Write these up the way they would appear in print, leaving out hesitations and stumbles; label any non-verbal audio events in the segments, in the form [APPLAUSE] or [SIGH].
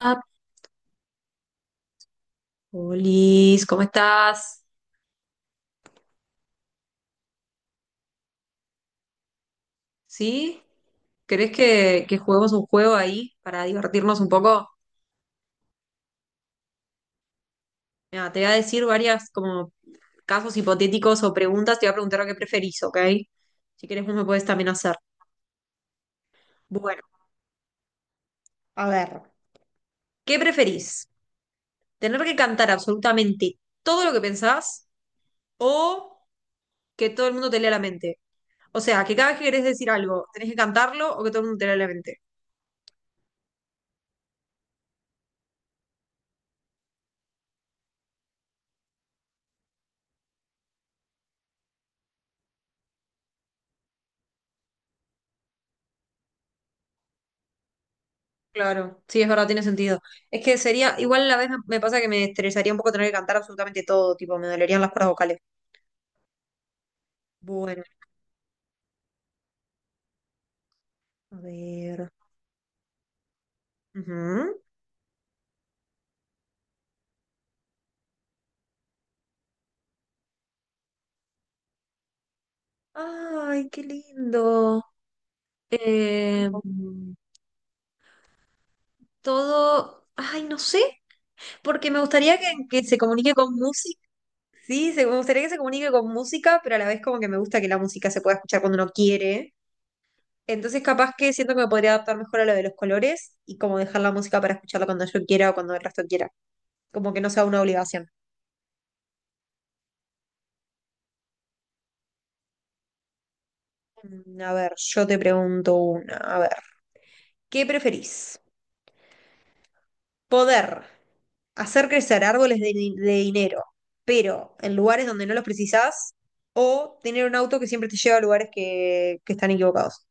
Ah, Polis, ¿cómo estás? ¿Sí? ¿Querés que juguemos un juego ahí para divertirnos un poco? Mira, te voy a decir varias como casos hipotéticos o preguntas, te voy a preguntar lo que preferís, ¿ok? Si querés vos me puedes también hacer. Bueno, a ver, ¿qué preferís? ¿Tener que cantar absolutamente todo lo que pensás o que todo el mundo te lea la mente? O sea, que cada vez que querés decir algo, tenés que cantarlo o que todo el mundo te lea la mente. Claro, sí, es verdad, tiene sentido. Es que sería, igual a la vez me pasa que me estresaría un poco tener que cantar absolutamente todo, tipo, me dolerían las cuerdas vocales. Bueno, a ver. Ujú. Ay, qué lindo. Eh, todo, ay, no sé, porque me gustaría que se comunique con música. Sí, me gustaría que se comunique con música, pero a la vez como que me gusta que la música se pueda escuchar cuando uno quiere. Entonces, capaz que siento que me podría adaptar mejor a lo de los colores y como dejar la música para escucharla cuando yo quiera o cuando el resto quiera, como que no sea una obligación. A ver, yo te pregunto una. A ver, ¿qué preferís? ¿Poder hacer crecer árboles de dinero, pero en lugares donde no los precisás? ¿O tener un auto que siempre te lleva a lugares que están equivocados?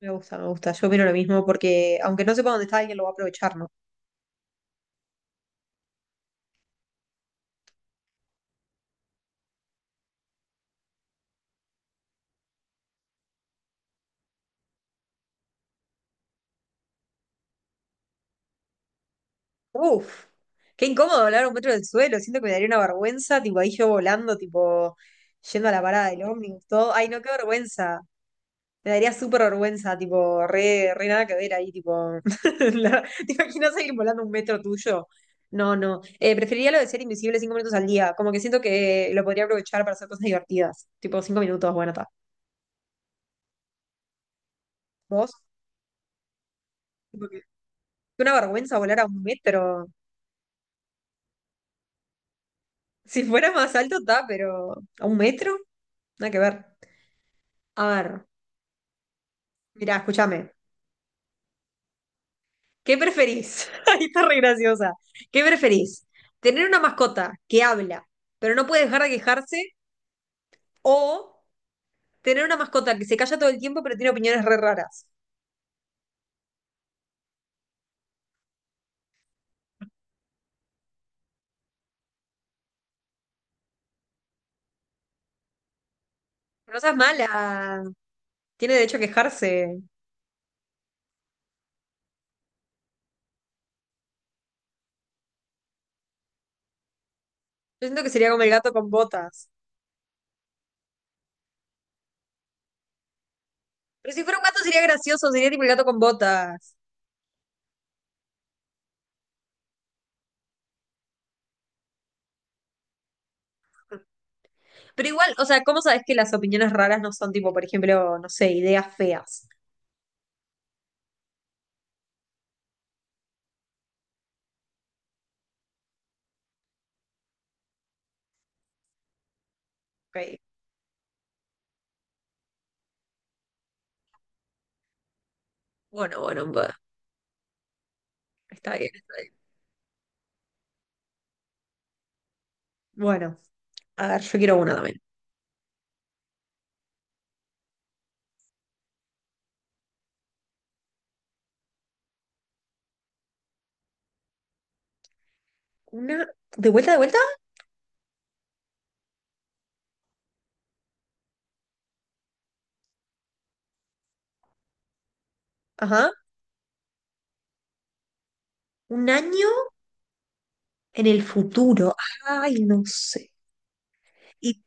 Me gusta, me gusta. Yo opino lo mismo porque aunque no sepa dónde está, alguien lo va a aprovechar, ¿no? Uf, qué incómodo hablar a un metro del suelo, siento que me daría una vergüenza, tipo ahí yo volando, tipo yendo a la parada del ómnibus, todo. Ay, no, qué vergüenza. Me daría súper vergüenza, tipo, re, re nada que ver ahí, tipo. [LAUGHS] la- ¿Te imaginas ir volando un metro tuyo? No, no. Preferiría lo de ser invisible cinco minutos al día. Como que siento que lo podría aprovechar para hacer cosas divertidas. Tipo, cinco minutos, bueno, está. ¿Vos? Tipo que- que una vergüenza volar a un metro. Si fuera más alto, está, pero. ¿A un metro? Nada que ver. A ver. Mirá, escúchame. ¿Qué preferís? [LAUGHS] Ahí está re graciosa. ¿Qué preferís? ¿Tener una mascota que habla, pero no puede dejar de quejarse? ¿O tener una mascota que se calla todo el tiempo, pero tiene opiniones re raras? Pero no seas mala. Tiene derecho a quejarse. Yo siento que sería como el gato con botas. Pero si fuera un gato sería gracioso, sería tipo el gato con botas. Pero igual, o sea, ¿cómo sabes que las opiniones raras no son tipo, por ejemplo, no sé, ideas feas? Ok. Bueno, bueno, bueno. Está bien, está bien. Bueno, a ver, yo quiero una también. Una, de vuelta, ajá, un año en el futuro. Ay, no sé. Y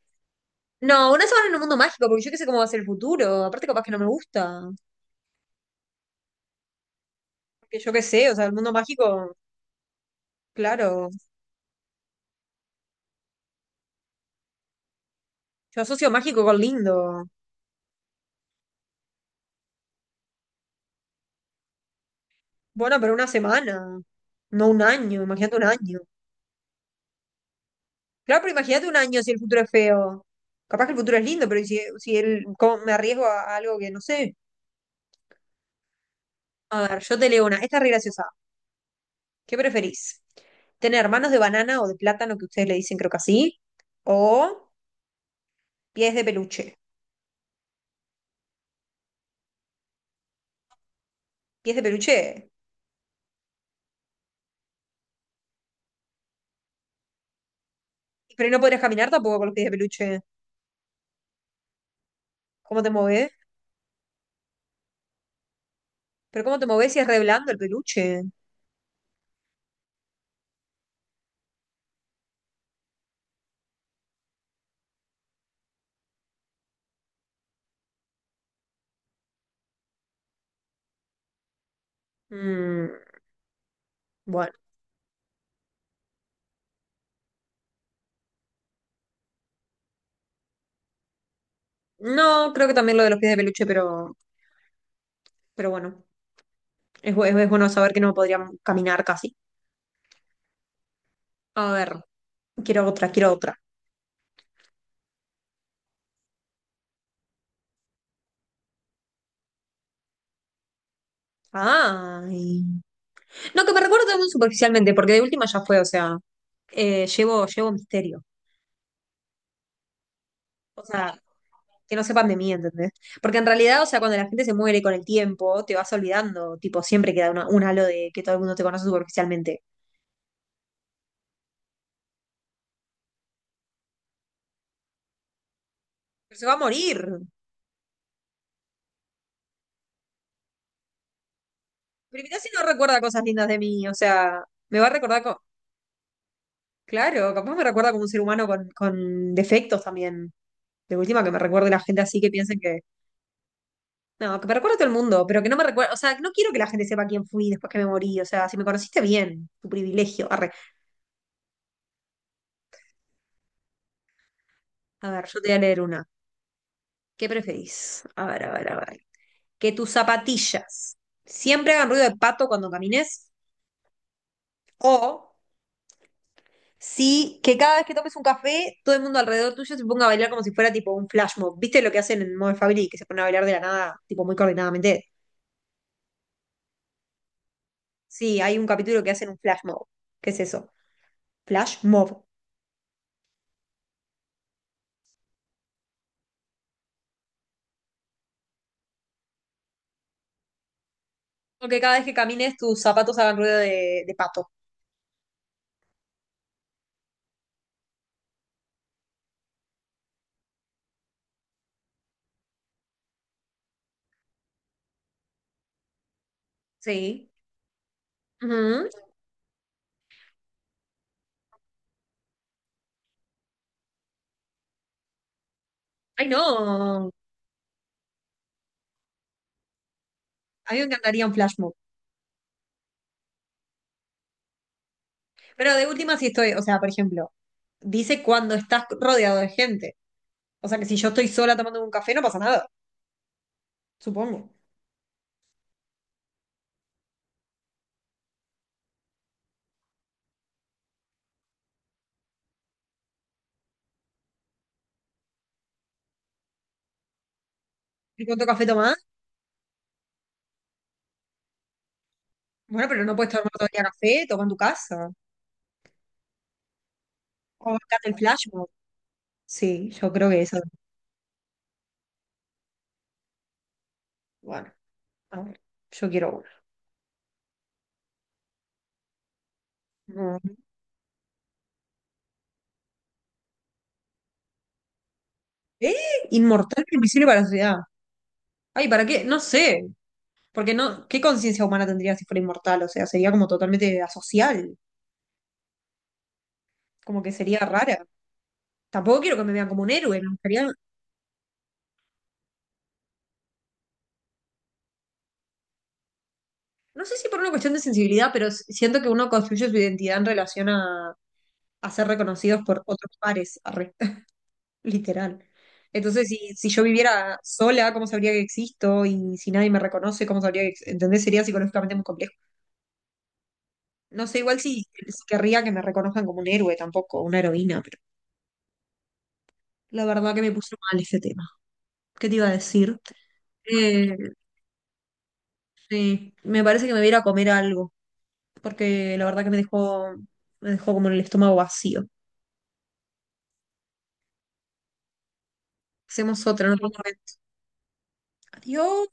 no, una semana en un mundo mágico, porque yo qué sé cómo va a ser el futuro. Aparte, capaz que no me gusta. Que yo qué sé, o sea, el mundo mágico, claro. Yo asocio mágico con lindo. Bueno, pero una semana, no un año, imagínate un año. Claro, pero imagínate un año si el futuro es feo. Capaz que el futuro es lindo, pero ¿y si, si el, cómo me arriesgo a algo que no sé? A ver, yo te leo una. Esta es re graciosa. ¿Qué preferís? ¿Tener manos de banana o de plátano, que ustedes le dicen creo que así? ¿O pies de peluche? ¿Pies de peluche? Pero no podrías caminar tampoco con los pies de peluche. ¿Cómo te movés? ¿Pero cómo te movés si es re blando el peluche? Mm, bueno. No, creo que también lo de los pies de peluche, pero bueno. Es, es bueno saber que no podrían caminar casi. A ver, quiero otra, quiero otra. Ay. No, que me recuerdo muy superficialmente, porque de última ya fue, o sea, llevo, llevo misterio. O sea, que no sepan de mí, ¿entendés? Porque en realidad, o sea, cuando la gente se muere con el tiempo, te vas olvidando, tipo, siempre queda un halo de que todo el mundo te conoce superficialmente. Pero se va a morir. Pero mirá si no recuerda cosas lindas de mí, o sea, me va a recordar co- Claro, capaz me recuerda como un ser humano con defectos también. De última, que me recuerde la gente así que piensen que... No, que me recuerde a todo el mundo, pero que no me recuerde... O sea, no quiero que la gente sepa quién fui después que me morí. O sea, si me conociste bien, tu privilegio. Arre. A ver, yo te voy a leer una. ¿Qué preferís? A ver, a ver, a ver. Que tus zapatillas siempre hagan ruido de pato cuando camines o si que cada vez que tomes un café todo el mundo alrededor tuyo se ponga a bailar como si fuera tipo un flash mob. ¿Viste lo que hacen en Modern Family que se ponen a bailar de la nada, tipo muy coordinadamente? Sí, hay un capítulo que hacen un flash mob. ¿Qué es eso? Flash mob. Porque cada vez que camines tus zapatos hagan ruido de pato. Sí. Ujú. Ay, no. A mí me encantaría un flash mob. Pero de última sí estoy, o sea, por ejemplo, dice cuando estás rodeado de gente. O sea que si yo estoy sola tomando un café, no pasa nada, supongo. ¿Y cuánto café tomás? Bueno, pero no puedes tomar todo el día café, toma en tu casa. O bancate el flash mob. Sí, yo creo que eso. Bueno, a ver, yo quiero uno. No. ¿Eh? Inmortal pero invisible para la sociedad. Ay, ¿para qué? No sé. Porque no, ¿qué conciencia humana tendría si fuera inmortal? O sea, sería como totalmente asocial, como que sería rara. Tampoco quiero que me vean como un héroe, me gustaría, no sé si por una cuestión de sensibilidad, pero siento que uno construye su identidad en relación a ser reconocidos por otros pares, arre, [LAUGHS] literal. Entonces, si yo viviera sola, ¿cómo sabría que existo? Y si nadie me reconoce, ¿cómo sabría que existo? ¿Entendés? Sería psicológicamente muy complejo. No sé, igual si querría que me reconozcan como un héroe tampoco, una heroína, pero la verdad que me puso mal este tema. ¿Qué te iba a decir? Eh, sí, me parece que me voy a ir a comer algo, porque la verdad que me dejó como el estómago vacío. Hacemos otra en otro momento. Adiós.